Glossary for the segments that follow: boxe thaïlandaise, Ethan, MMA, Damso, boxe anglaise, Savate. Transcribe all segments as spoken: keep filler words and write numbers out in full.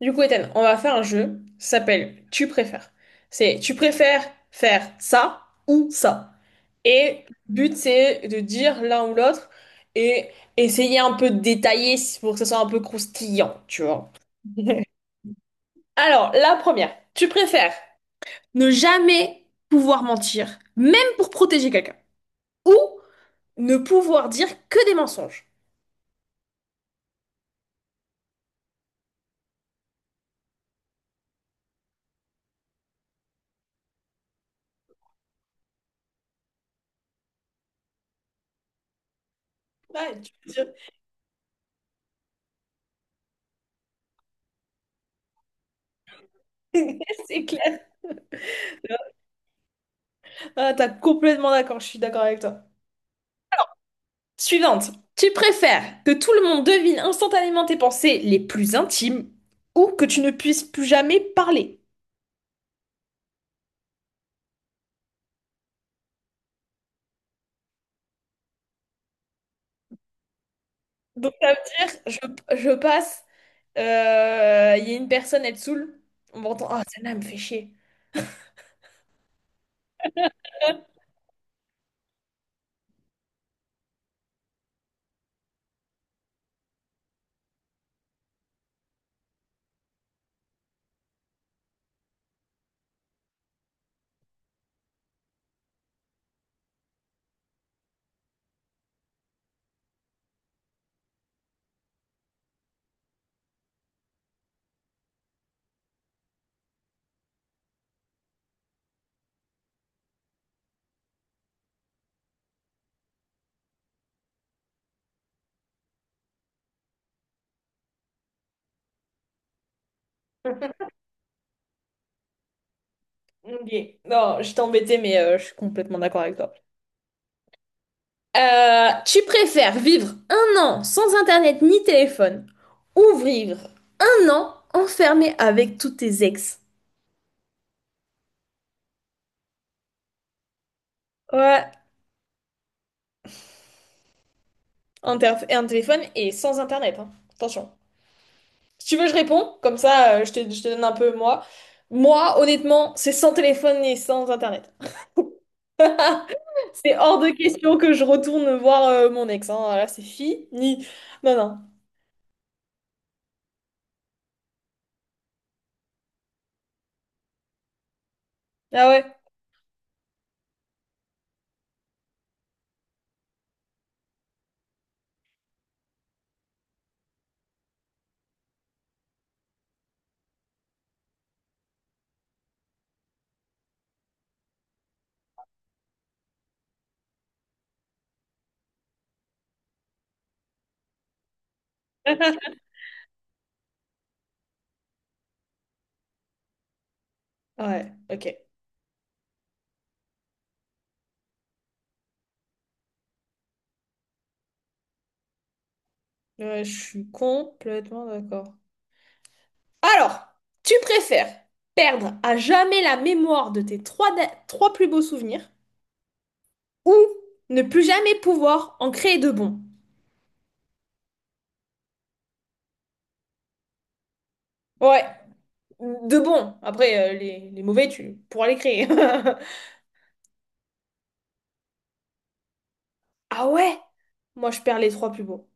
Du coup, Ethan, on va faire un jeu, ça s'appelle Tu préfères. C'est tu préfères faire ça ou ça. Et le but, c'est de dire l'un ou l'autre et essayer un peu de détailler pour que ça soit un peu croustillant, tu vois. Alors, la première, tu préfères ne jamais pouvoir mentir, même pour protéger quelqu'un, ou ne pouvoir dire que des mensonges. Ouais, tu veux dire- c'est clair. Ah, t'as complètement d'accord, je suis d'accord avec toi. Suivante. Tu préfères que tout le monde devine instantanément tes pensées les plus intimes ou que tu ne puisses plus jamais parler? Donc ça veut dire, je, je passe, euh, il y a une personne, elle saoule, on m'entend, ah, celle-là, elle me fait chier. Ok. Non, je t'ai embêté, mais euh, je suis complètement d'accord avec toi. Euh, tu préfères vivre un an sans internet ni téléphone ou vivre un an enfermé avec tous tes ex? Ouais, Interf- un téléphone et sans internet, hein. Attention. Si tu veux, je réponds, comme ça euh, je te, je te donne un peu moi. Moi, honnêtement, c'est sans téléphone et sans internet. C'est hors de question que je retourne voir euh, mon ex, hein. Là, c'est fini. Non, non. Ah ouais? Ouais, ok. Ouais, je suis complètement d'accord. Alors, tu préfères perdre à jamais la mémoire de tes trois, da- trois plus beaux souvenirs ou ne plus jamais pouvoir en créer de bons? Ouais. De bons. Après, euh, les, les mauvais, tu pourras les créer. Ah ouais? Moi, je perds les trois plus beaux.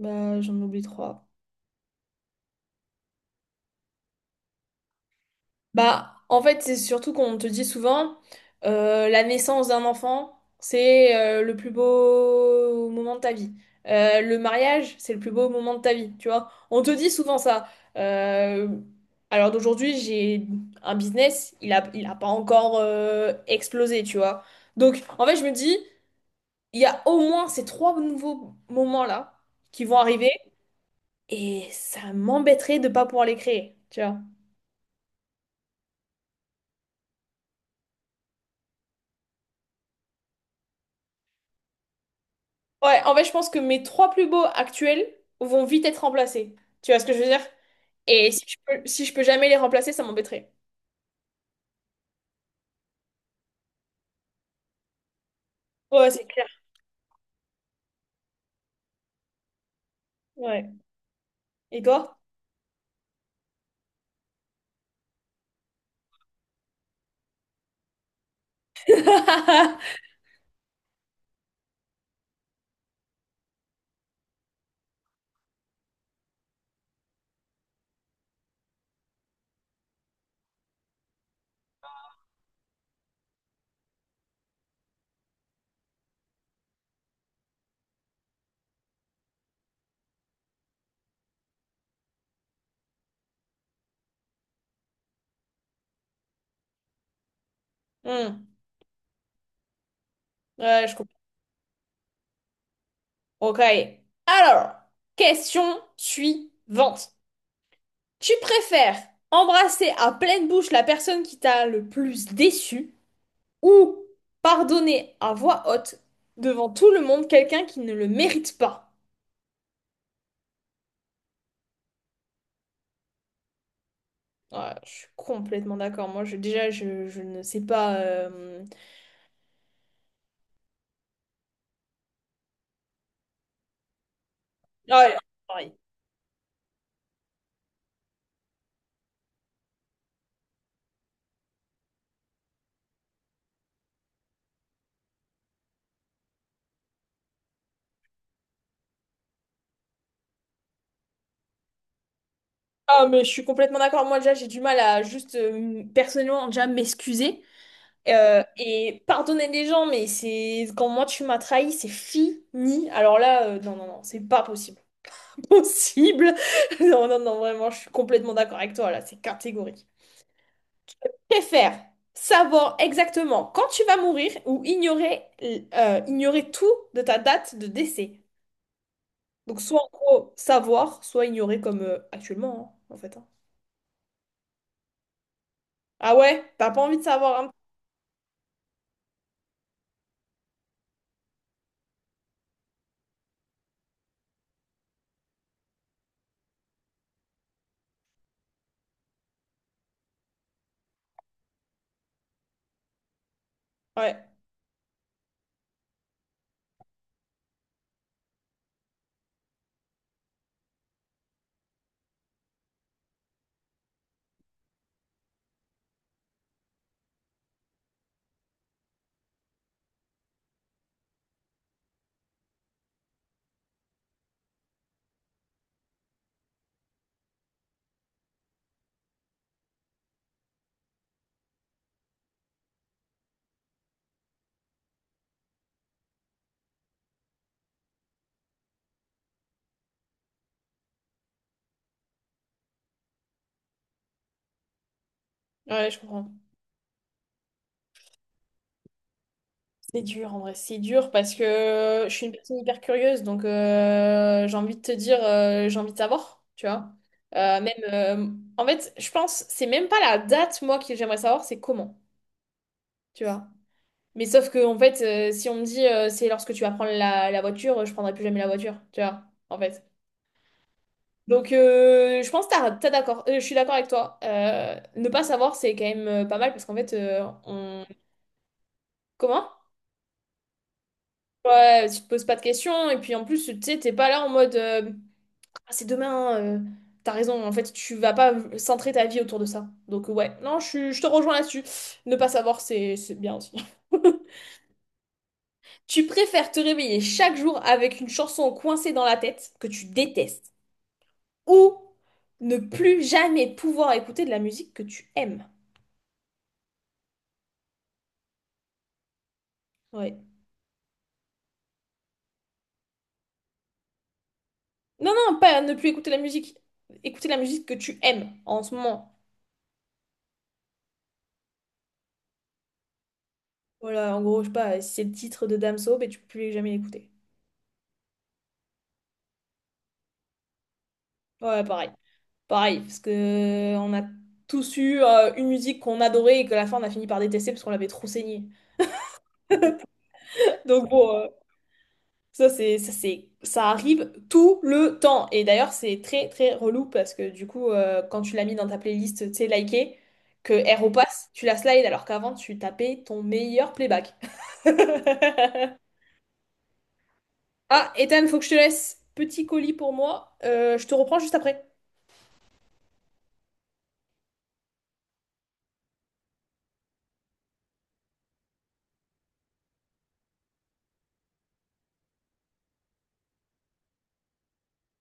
Bah, j'en oublie trois. Bah, en fait, c'est surtout qu'on te dit souvent, euh, la naissance d'un enfant, c'est euh, le plus beau moment de ta vie. Euh, le mariage, c'est le plus beau moment de ta vie, tu vois. On te dit souvent ça. Euh, alors d'aujourd'hui, j'ai un business, il a, il a pas encore euh, explosé, tu vois. Donc, en fait, je me dis... Il y a au moins ces trois nouveaux moments-là qui vont arriver et ça m'embêterait de pas pouvoir les créer, tu vois. Ouais, en fait, je pense que mes trois plus beaux actuels vont vite être remplacés. Tu vois ce que je veux dire? Et si je peux, si je peux jamais les remplacer, ça m'embêterait. Ouais, c'est clair. Ouais. Et toi? Hmm. Ouais, je comprends. Ok. Alors, question suivante. Tu préfères embrasser à pleine bouche la personne qui t'a le plus déçu? Ou pardonner à voix haute devant tout le monde quelqu'un qui ne le mérite pas. Ouais, je suis complètement d'accord. Moi, je, déjà, je, je ne sais pas. euh, Ah, ouais, pareil. Ah, mais je suis complètement d'accord. Moi, déjà, j'ai du mal à juste euh, personnellement déjà m'excuser euh, et pardonner les gens. Mais c'est quand moi tu m'as trahi, c'est fini. Alors là, euh, non, non, non, c'est pas possible. Possible. Non, non, non, vraiment, je suis complètement d'accord avec toi là. C'est catégorique. Préfère savoir exactement quand tu vas mourir ou ignorer, euh, ignorer tout de ta date de décès. Donc soit en gros savoir, soit ignorer comme euh, actuellement hein, en fait, hein. Ah ouais, t'as pas envie de savoir, hein. Ouais, ouais, je comprends. C'est dur en vrai, c'est dur parce que euh, je suis une personne hyper curieuse, donc euh, j'ai envie de te dire, euh, j'ai envie de savoir, tu vois. Euh, même, euh, en fait, je pense, c'est même pas la date moi que j'aimerais savoir, c'est comment, tu vois. Mais sauf que, en fait, euh, si on me dit euh, c'est lorsque tu vas prendre la, la voiture, euh, je prendrai plus jamais la voiture, tu vois, en fait. Donc, euh, je pense que t'as, t'as d'accord, euh, je suis d'accord avec toi. Euh, ne pas savoir, c'est quand même euh, pas mal parce qu'en fait, euh, on. Comment? Ouais, tu te poses pas de questions et puis en plus, tu sais, t'es pas là en mode euh, Ah, c'est demain, hein, euh, t'as raison, en fait, tu vas pas centrer ta vie autour de ça. Donc, ouais, non, je, suis- je te rejoins là-dessus. Ne pas savoir, c'est c'est bien aussi. Tu préfères te réveiller chaque jour avec une chanson coincée dans la tête que tu détestes ou ne plus jamais pouvoir écouter de la musique que tu aimes? Ouais. Non, non, pas ne plus écouter la musique. Écouter la musique que tu aimes en ce moment. Voilà, en gros, je sais pas, si c'est le titre de Damso, mais tu peux plus jamais l'écouter. Ouais, pareil. Pareil, parce que euh, on a tous eu euh, une musique qu'on adorait et que à la fin on a fini par détester parce qu'on l'avait trop saignée. Donc bon. euh, Ça, c'est, ça, c'est, ça arrive tout le temps. Et d'ailleurs, c'est très, très relou parce que du coup, euh, quand tu l'as mis dans ta playlist, tu sais, likée, que elle repasse, tu la slides alors qu'avant, tu tapais ton meilleur playback. Ah, Ethan, faut que je te laisse. Petit colis pour moi. Euh, je te reprends juste après.